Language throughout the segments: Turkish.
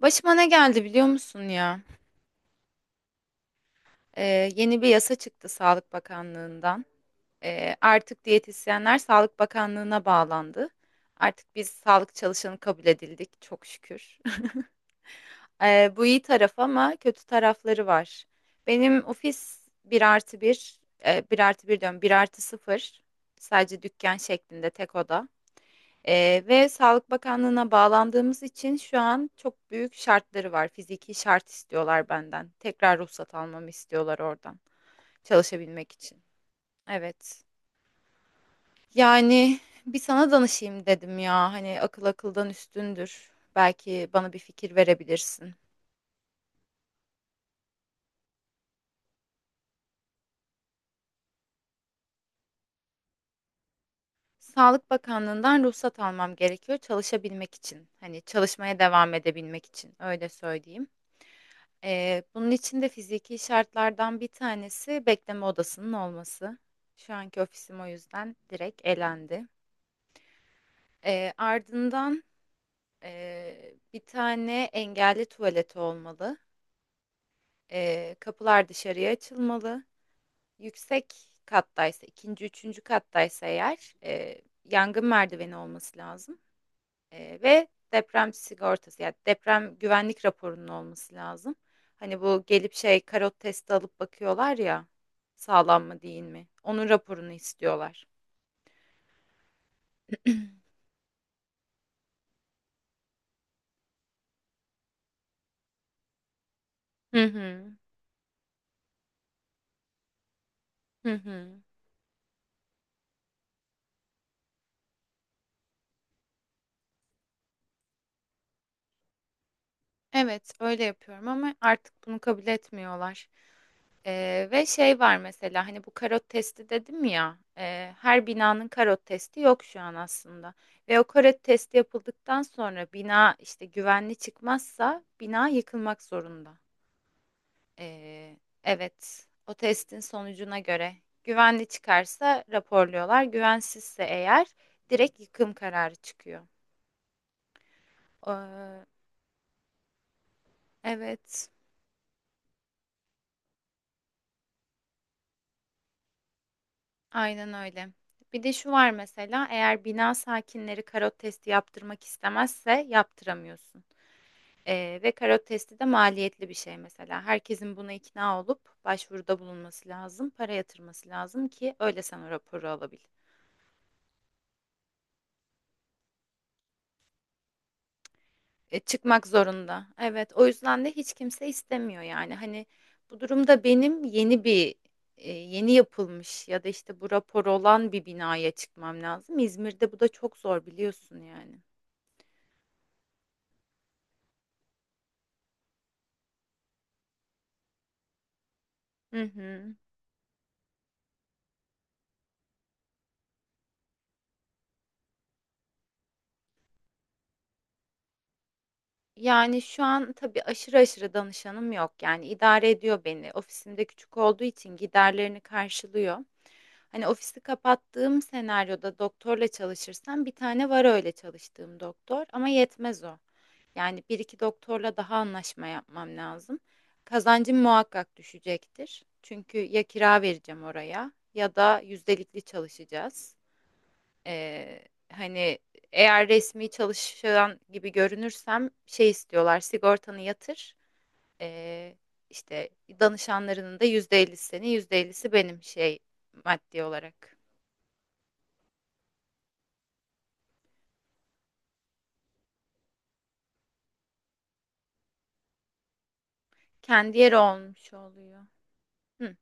Başıma ne geldi biliyor musun ya? Ee, Yeni bir yasa çıktı Sağlık Bakanlığı'ndan. Artık diyetisyenler Sağlık Bakanlığı'na bağlandı. Artık biz sağlık çalışanı kabul edildik, çok şükür. Bu iyi taraf ama kötü tarafları var. Benim ofis bir artı 1, bir artı bir diyorum, bir artı sıfır, sadece dükkan şeklinde tek oda. Ve Sağlık Bakanlığı'na bağlandığımız için şu an çok büyük şartları var. Fiziki şart istiyorlar benden. Tekrar ruhsat almamı istiyorlar oradan çalışabilmek için. Evet. Yani bir sana danışayım dedim ya. Hani akıl akıldan üstündür. Belki bana bir fikir verebilirsin. Sağlık Bakanlığı'ndan ruhsat almam gerekiyor çalışabilmek için. Hani çalışmaya devam edebilmek için öyle söyleyeyim. Bunun için de fiziki şartlardan bir tanesi bekleme odasının olması. Şu anki ofisim o yüzden direkt elendi. Ardından bir tane engelli tuvaleti olmalı. Kapılar dışarıya açılmalı. Yüksek kattaysa, ikinci, üçüncü kattaysa eğer yangın merdiveni olması lazım. Ve deprem sigortası, yani deprem güvenlik raporunun olması lazım. Hani bu gelip şey karot testi alıp bakıyorlar ya, sağlam mı değil mi? Onun raporunu istiyorlar. Hı hı. Hı hı. Evet, öyle yapıyorum ama artık bunu kabul etmiyorlar. Ve şey var mesela, hani bu karot testi dedim ya, her binanın karot testi yok şu an aslında. Ve o karot testi yapıldıktan sonra bina işte güvenli çıkmazsa bina yıkılmak zorunda. Ee, evet, o testin sonucuna göre güvenli çıkarsa raporluyorlar, güvensizse eğer direkt yıkım kararı çıkıyor. Ee, evet, aynen öyle. Bir de şu var mesela, eğer bina sakinleri karot testi yaptırmak istemezse yaptıramıyorsun. Ve karot testi de maliyetli bir şey mesela. Herkesin buna ikna olup başvuruda bulunması lazım, para yatırması lazım ki öyle sen o raporu alabil. E, çıkmak zorunda. Evet, o yüzden de hiç kimse istemiyor yani. Hani bu durumda benim yeni bir, yeni yapılmış ya da işte bu rapor olan bir binaya çıkmam lazım. İzmir'de bu da çok zor biliyorsun yani. Hı hı. Yani şu an tabii aşırı aşırı danışanım yok. Yani idare ediyor beni. Ofisimde küçük olduğu için giderlerini karşılıyor. Hani ofisi kapattığım senaryoda doktorla çalışırsam, bir tane var öyle çalıştığım doktor ama yetmez o. Yani bir iki doktorla daha anlaşma yapmam lazım. Kazancım muhakkak düşecektir. Çünkü ya kira vereceğim oraya ya da yüzdelikli çalışacağız. Hani eğer resmi çalışan gibi görünürsem şey istiyorlar, sigortanı yatır. Ee, işte danışanlarının da %50'si senin, %50'si benim, şey, maddi olarak. Kendi yeri olmuş oluyor. Hı.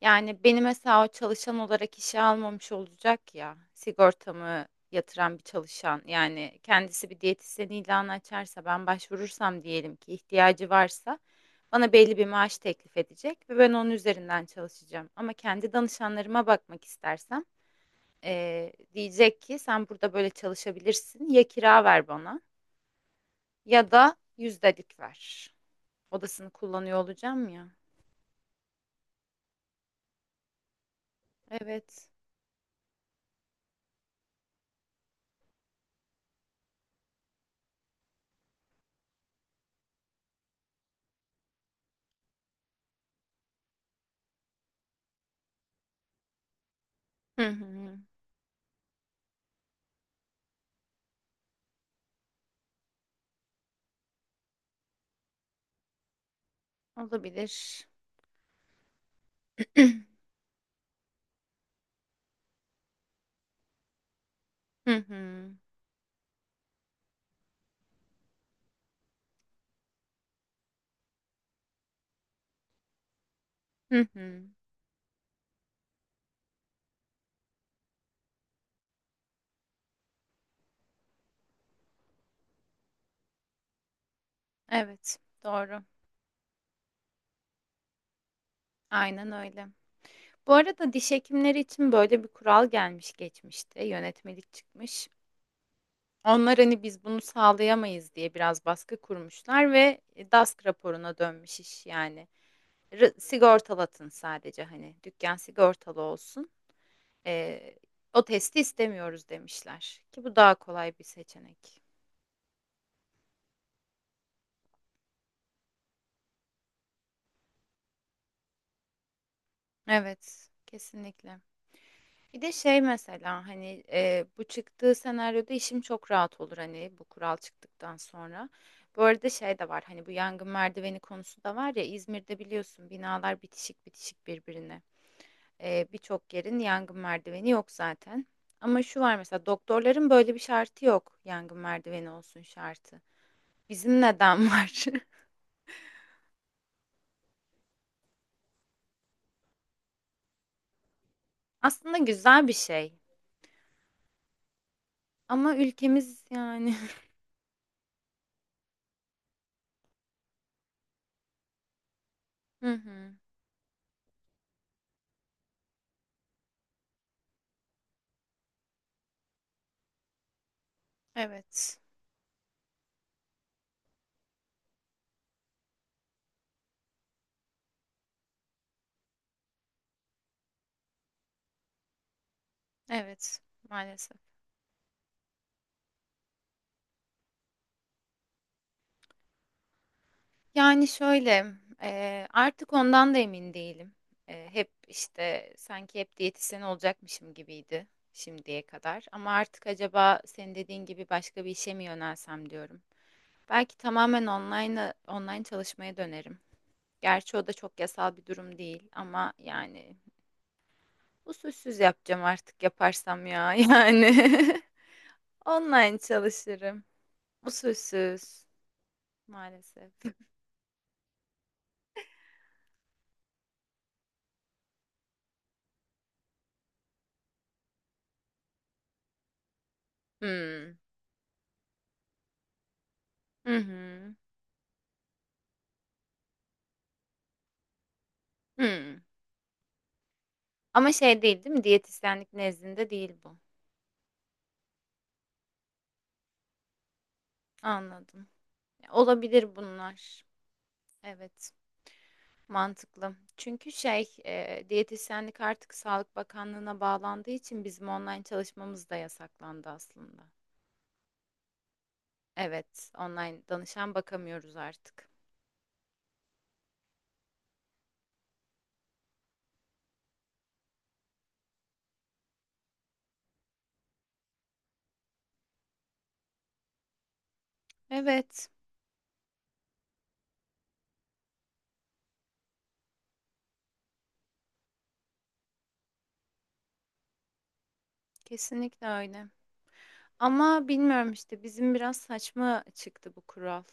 Yani beni mesela o çalışan olarak işe almamış olacak ya, sigortamı yatıran bir çalışan yani. Kendisi bir diyetisyen ilanı açarsa, ben başvurursam diyelim ki ihtiyacı varsa, bana belli bir maaş teklif edecek ve ben onun üzerinden çalışacağım. Ama kendi danışanlarıma bakmak istersem diyecek ki sen burada böyle çalışabilirsin, ya kira ver bana ya da yüzdelik ver. Odasını kullanıyor olacağım ya. Evet. Hı hı. Olabilir. Hı hı. Hı hı. Evet, doğru. Aynen öyle. Bu arada diş hekimleri için böyle bir kural gelmiş geçmişte, yönetmelik çıkmış. Onlar hani biz bunu sağlayamayız diye biraz baskı kurmuşlar ve DASK raporuna dönmüş iş yani. R- sigortalatın sadece, hani dükkan sigortalı olsun. Ee, O testi istemiyoruz demişler ki bu daha kolay bir seçenek. Evet, kesinlikle. Bir de şey mesela, hani bu çıktığı senaryoda işim çok rahat olur, hani bu kural çıktıktan sonra. Bu arada şey de var, hani bu yangın merdiveni konusu da var ya, İzmir'de biliyorsun binalar bitişik bitişik birbirine. E, birçok yerin yangın merdiveni yok zaten. Ama şu var mesela, doktorların böyle bir şartı yok, yangın merdiveni olsun şartı. Bizim neden var? Aslında güzel bir şey ama ülkemiz yani. Hı hı. Evet. Evet. Maalesef. Yani şöyle, artık ondan da emin değilim. Hep işte sanki hep diyetisyen olacakmışım gibiydi şimdiye kadar. Ama artık acaba senin dediğin gibi başka bir işe mi yönelsem diyorum. Belki tamamen online çalışmaya dönerim. Gerçi o da çok yasal bir durum değil ama yani usulsüz yapacağım artık, yaparsam ya yani. Online çalışırım. Usulsüz maalesef. Hmm. Hı hı. Hmm. Ama şey değil, değil mi? Diyetisyenlik nezdinde değil bu. Anladım. Olabilir bunlar. Evet, mantıklı. Çünkü şey, diyetisyenlik artık Sağlık Bakanlığı'na bağlandığı için bizim online çalışmamız da yasaklandı aslında. Evet, online danışan bakamıyoruz artık. Evet, kesinlikle öyle. Ama bilmiyorum işte, bizim biraz saçma çıktı bu kural.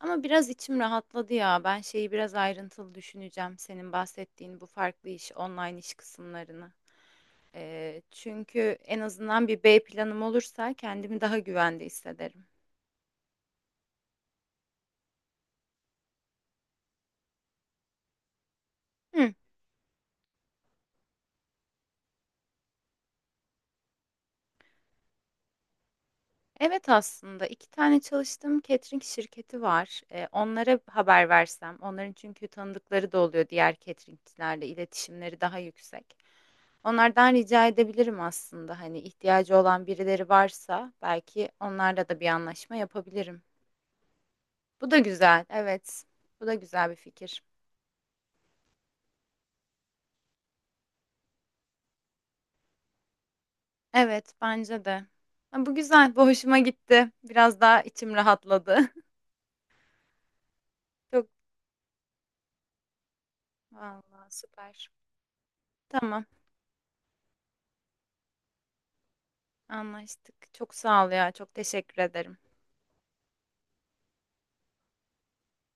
Ama biraz içim rahatladı ya. Ben şeyi biraz ayrıntılı düşüneceğim, senin bahsettiğin bu farklı iş, online iş kısımlarını. Çünkü en azından bir B planım olursa kendimi daha güvende hissederim. Hı, evet, aslında iki tane çalıştığım catering şirketi var. Onlara haber versem, onların çünkü tanıdıkları da oluyor, diğer cateringçilerle iletişimleri daha yüksek. Onlardan rica edebilirim aslında. Hani ihtiyacı olan birileri varsa belki onlarla da bir anlaşma yapabilirim. Bu da güzel. Evet. Bu da güzel bir fikir. Evet, bence de. Ha, bu güzel. Bu hoşuma gitti. Biraz daha içim rahatladı. Çok, vallahi, süper. Tamam. Anlaştık. Çok sağ ol ya. Çok teşekkür ederim.